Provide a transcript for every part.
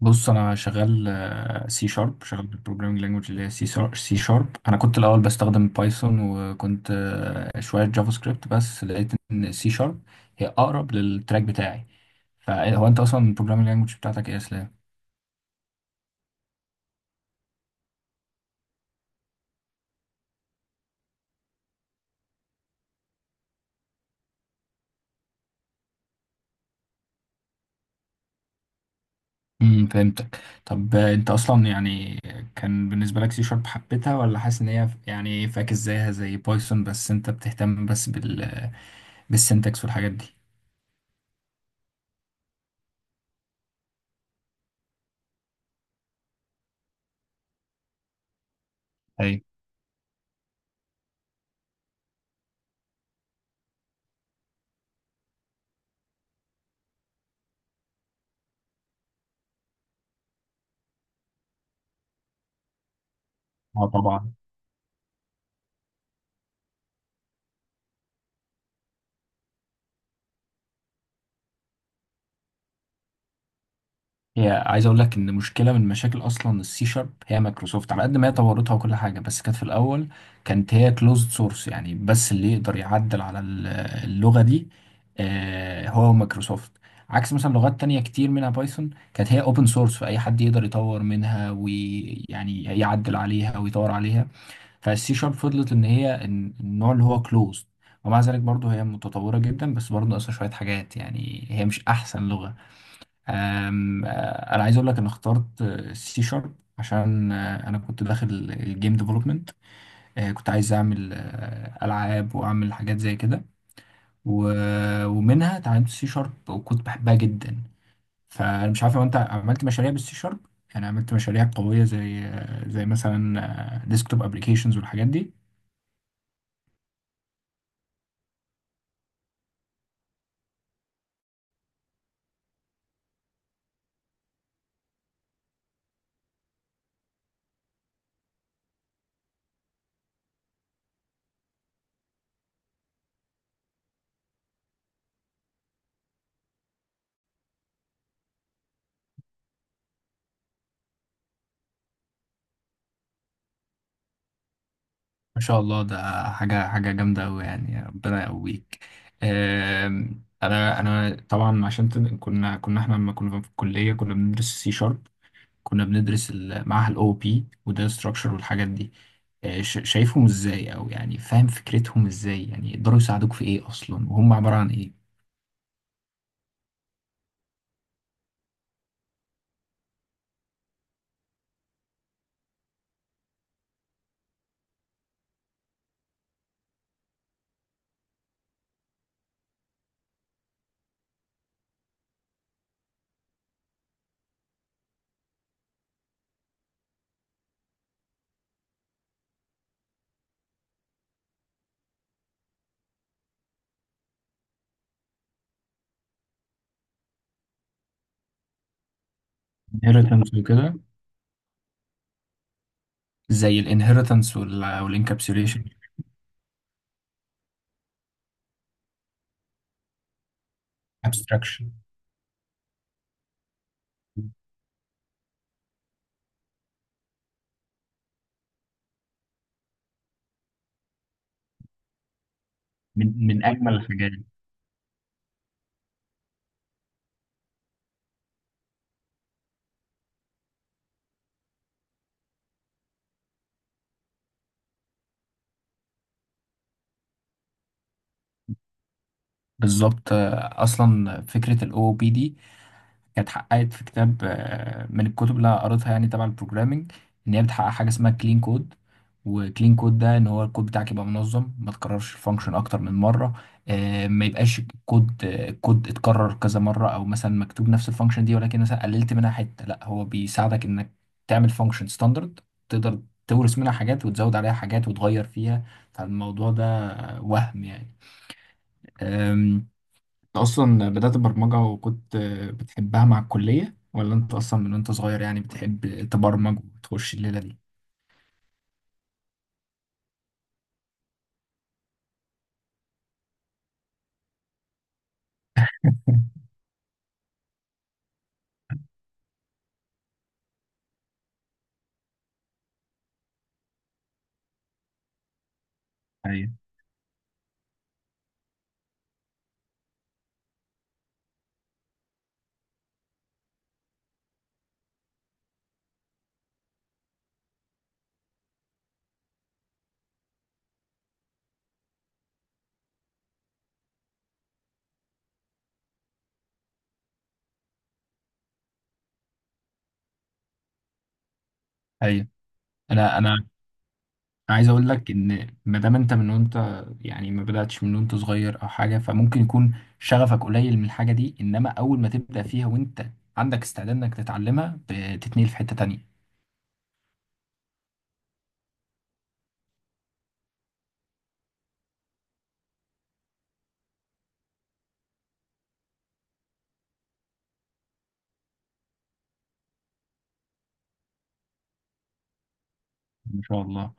بص، انا شغال سي شارب. شغال بالبروجرامينج لانجوج اللي هي سي شارب. انا كنت الاول بستخدم بايثون وكنت شويه جافا سكريبت، بس لقيت ان سي شارب هي اقرب للتراك بتاعي. فهو انت اصلا البروجرامينج لانجوج بتاعتك ايه يا اسلام؟ فهمتك. طب انت اصلا يعني كان بالنسبه لك سي شارب حبيتها ولا حاسس ان هي يعني فاكس زيها زي بايثون؟ بس انت بتهتم بس بالسنتكس والحاجات دي؟ ايوه. اه، طبعا. هي عايز اقول لك ان مشكله من مشاكل اصلا السي شارب هي مايكروسوفت. على قد ما هي طورتها وكل حاجه، بس كانت في الاول كانت هي كلوزد سورس، يعني بس اللي يقدر يعدل على اللغه دي هو مايكروسوفت، عكس مثلا لغات تانية كتير منها بايثون كانت هي اوبن سورس، فاي حد يقدر يطور منها ويعني يعدل عليها ويطور عليها. فالسي شارب فضلت ان هي النوع اللي هو كلوزد، ومع ذلك برضه هي متطوره جدا، بس برضه ناقصها شويه حاجات، يعني هي مش احسن لغه. أم، آه، انا عايز اقول لك انا اخترت سي شارب عشان انا كنت داخل الجيم ديفلوبمنت. كنت عايز اعمل العاب واعمل حاجات زي كده. ومنها اتعلمت سي شارب وكنت بحبها جدا. فانا مش عارف لو انت عملت مشاريع بالسي شارب، يعني عملت مشاريع قوية زي زي مثلا ديسكتوب ابلكيشنز والحاجات دي؟ ما شاء الله، ده حاجة جامدة أوي، يعني ربنا يقويك. آم، أنا أنا طبعا عشان كنا إحنا لما كنا في الكلية كنا بندرس سي شارب. كنا بندرس معاها الأو بي وده ستراكشر والحاجات دي. شايفهم إزاي؟ أو يعني فاهم فكرتهم إزاي؟ يعني يقدروا يساعدوك في إيه أصلا وهم عبارة عن إيه؟ inheritance وكده. زي الانهيرتنس والانكابسوليشن. abstraction. من أجمل الحاجات. بالظبط. أصلا فكرة الأو بي دي كانت حققت في كتاب من الكتب اللي قريتها يعني تبع البروجرامينج. ان هي بتحقق حاجه اسمها كلين كود. وكلين كود ده ان هو الكود بتاعك يبقى منظم، ما تكررش الفانكشن اكتر من مره، ما يبقاش الكود اتكرر كذا مره، او مثلا مكتوب نفس الفانكشن دي ولكن مثلا قللت منها حته. لا، هو بيساعدك انك تعمل فانكشن ستاندرد، تقدر تورث منها حاجات وتزود عليها حاجات وتغير فيها. فالموضوع ده وهم، يعني انت اصلا بدأت برمجة وكنت بتحبها مع الكلية، ولا انت اصلا من وانت صغير يعني بتحب تبرمج وتخش الليلة دي؟ ايوه. ايوه، انا عايز اقول لك ان ما دام انت من وانت يعني ما بدأتش من وانت صغير او حاجة، فممكن يكون شغفك قليل من الحاجة دي، انما اول ما تبدأ فيها وانت عندك استعداد انك تتعلمها بتتنقل في حتة تانية. ما شاء الله.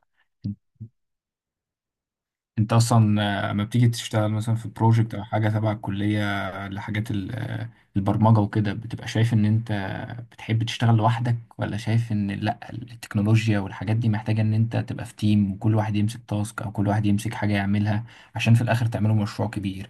انت اصلا لما بتيجي تشتغل مثلا في بروجكت او حاجه تبع الكليه لحاجات البرمجه وكده، بتبقى شايف ان انت بتحب تشتغل لوحدك، ولا شايف ان لا، التكنولوجيا والحاجات دي محتاجه ان انت تبقى في تيم وكل واحد يمسك تاسك او كل واحد يمسك حاجه يعملها عشان في الاخر تعملوا مشروع كبير؟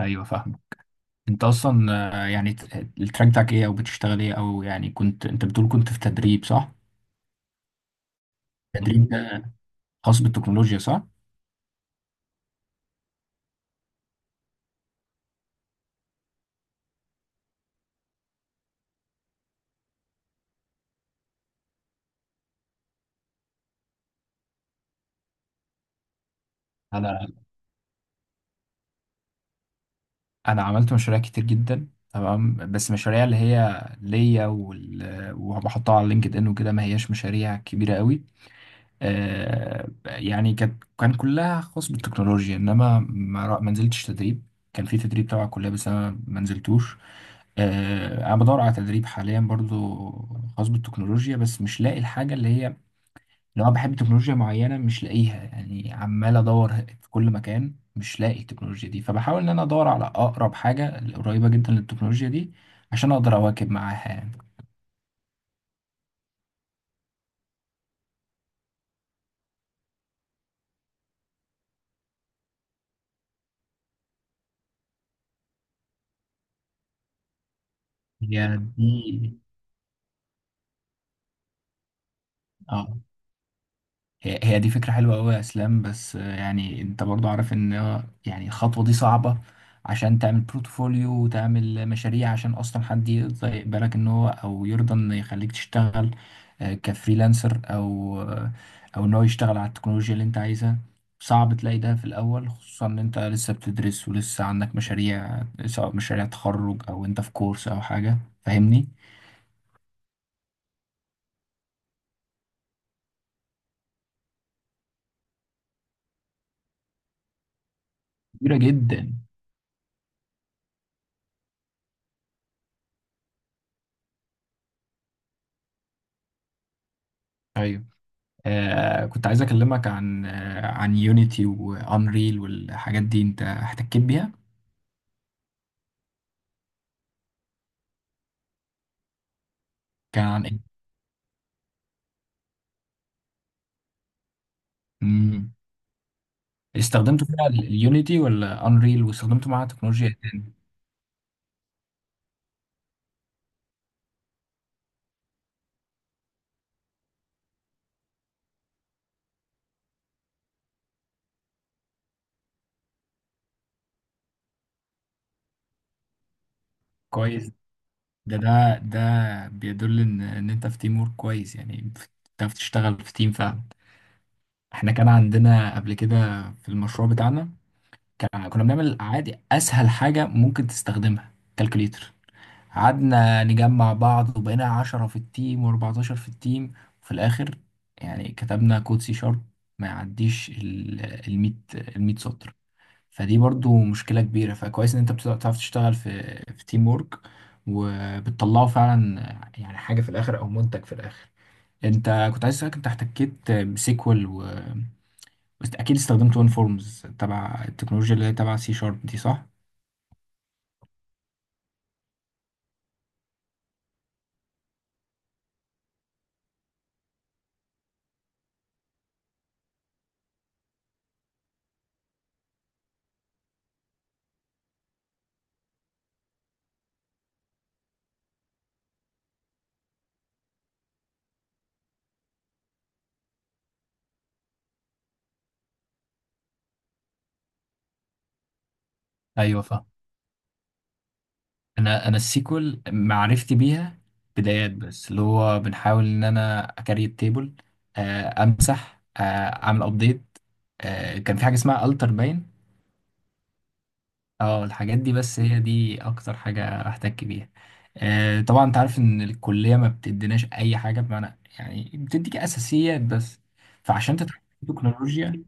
ايوه، فاهمه. انت اصلا يعني التراك بتاعك ايه او بتشتغل ايه، او يعني كنت انت بتقول كنت في تدريب، صح؟ تدريب ده خاص بالتكنولوجيا، صح؟ انا عملت مشاريع كتير جدا، تمام، بس مشاريع اللي هي ليا وبحطها على لينكد ان وكده، ما هياش مشاريع كبيره قوي. يعني كان كلها خاص بالتكنولوجيا، انما ما نزلتش تدريب. كان في تدريب تبع الكليه بس انا ما نزلتوش. انا بدور على تدريب حاليا برضو خاص بالتكنولوجيا، بس مش لاقي الحاجه اللي هي، لو انا بحب تكنولوجيا معينه مش لاقيها، يعني عمال ادور في كل مكان مش لاقي التكنولوجيا دي، فبحاول ان انا ادور على اقرب حاجه قريبه جدا للتكنولوجيا دي عشان اقدر اواكب معاها يعني. هي دي. اه، هي دي فكرة حلوة أوي يا إسلام، بس يعني أنت برضو عارف إن يعني الخطوة دي صعبة، عشان تعمل بورتفوليو وتعمل مشاريع عشان أصلا حد يرضى يقبلك، إن هو أو يرضى إن يخليك تشتغل كفريلانسر، أو إن هو يشتغل على التكنولوجيا اللي أنت عايزها. صعب تلاقي ده في الأول، خصوصا إن أنت لسه بتدرس ولسه عندك مشاريع، سواء مشاريع تخرج أو أنت في كورس أو حاجة. فاهمني؟ كبيرة جدا. كنت عايز اكلمك عن عن يونيتي وانريل والحاجات دي، انت احتكيت بيها؟ كان عن ايه؟ مم. استخدمت فيها اليونيتي ولا انريل، واستخدمته معاها تكنولوجيا إيه تاني؟ كويس. ده بيدل ان انت في تيم ورك كويس، يعني بتعرف تشتغل في تيم فعلا. احنا كان عندنا قبل كده في المشروع بتاعنا، كان كنا بنعمل عادي اسهل حاجه ممكن تستخدمها، كالكوليتر. قعدنا نجمع بعض وبقينا 10 في التيم وأربعتاشر في التيم. وفي الآخر يعني كتبنا كود سي شارب ما يعديش الميت سطر. فدي برضو مشكلة كبيرة، فكويس إن أنت بتعرف تشتغل في تيم وورك وبتطلعه فعلا، يعني حاجة في الآخر أو منتج في الآخر. أنت كنت عايز أسألك، أنت احتكيت بسيكوال، و بس أكيد استخدمت ون فورمز تبع التكنولوجيا اللي هي تبع سي شارب دي، صح؟ ايوه. انا السيكول معرفتي بيها بدايات، بس اللي هو بنحاول ان انا اكاري التيبل، امسح، اعمل ابديت. كان في حاجه اسمها التر باين. اه، الحاجات دي. بس هي دي اكتر حاجه احتك بيها. طبعا انت عارف ان الكليه ما بتديناش اي حاجه بمعنى، يعني بتديك اساسيات بس. فعشان تتعلم تكنولوجيا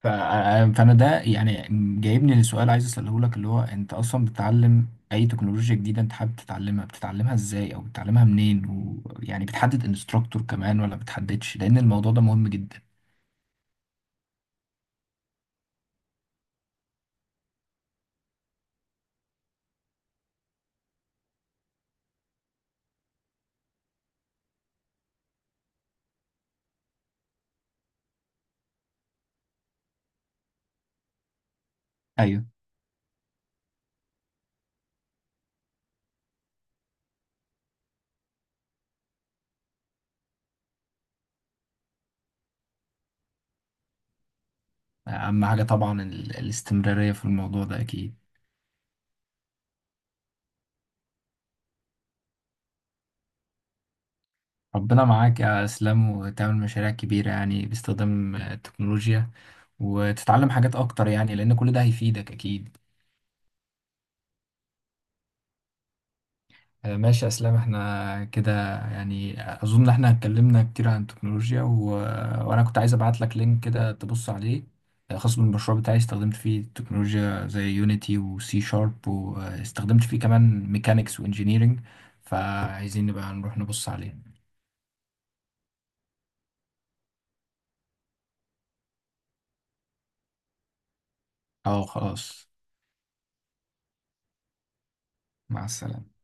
فانا ده يعني جايبني لسؤال عايز اساله لك، اللي هو انت اصلا بتتعلم اي تكنولوجيا جديده انت حابب تتعلمها، بتتعلمها ازاي او بتتعلمها منين؟ ويعني بتحدد انستراكتور كمان ولا بتحددش؟ لان الموضوع ده مهم جدا. ايوه، اهم حاجه طبعا الاستمراريه في الموضوع ده اكيد. ربنا معاك يا اسلام، وتعمل مشاريع كبيره يعني باستخدام التكنولوجيا، وتتعلم حاجات اكتر، يعني لان كل ده هيفيدك اكيد. ماشي يا اسلام، احنا كده يعني اظن احنا اتكلمنا كتير عن التكنولوجيا وانا كنت عايز ابعت لك لينك كده تبص عليه، خاص بالمشروع بتاعي، استخدمت فيه تكنولوجيا زي يونيتي وسي شارب، واستخدمت فيه كمان ميكانيكس وانجينيرينج، فعايزين نبقى نروح نبص عليه. اه، خلاص. مع السلامة.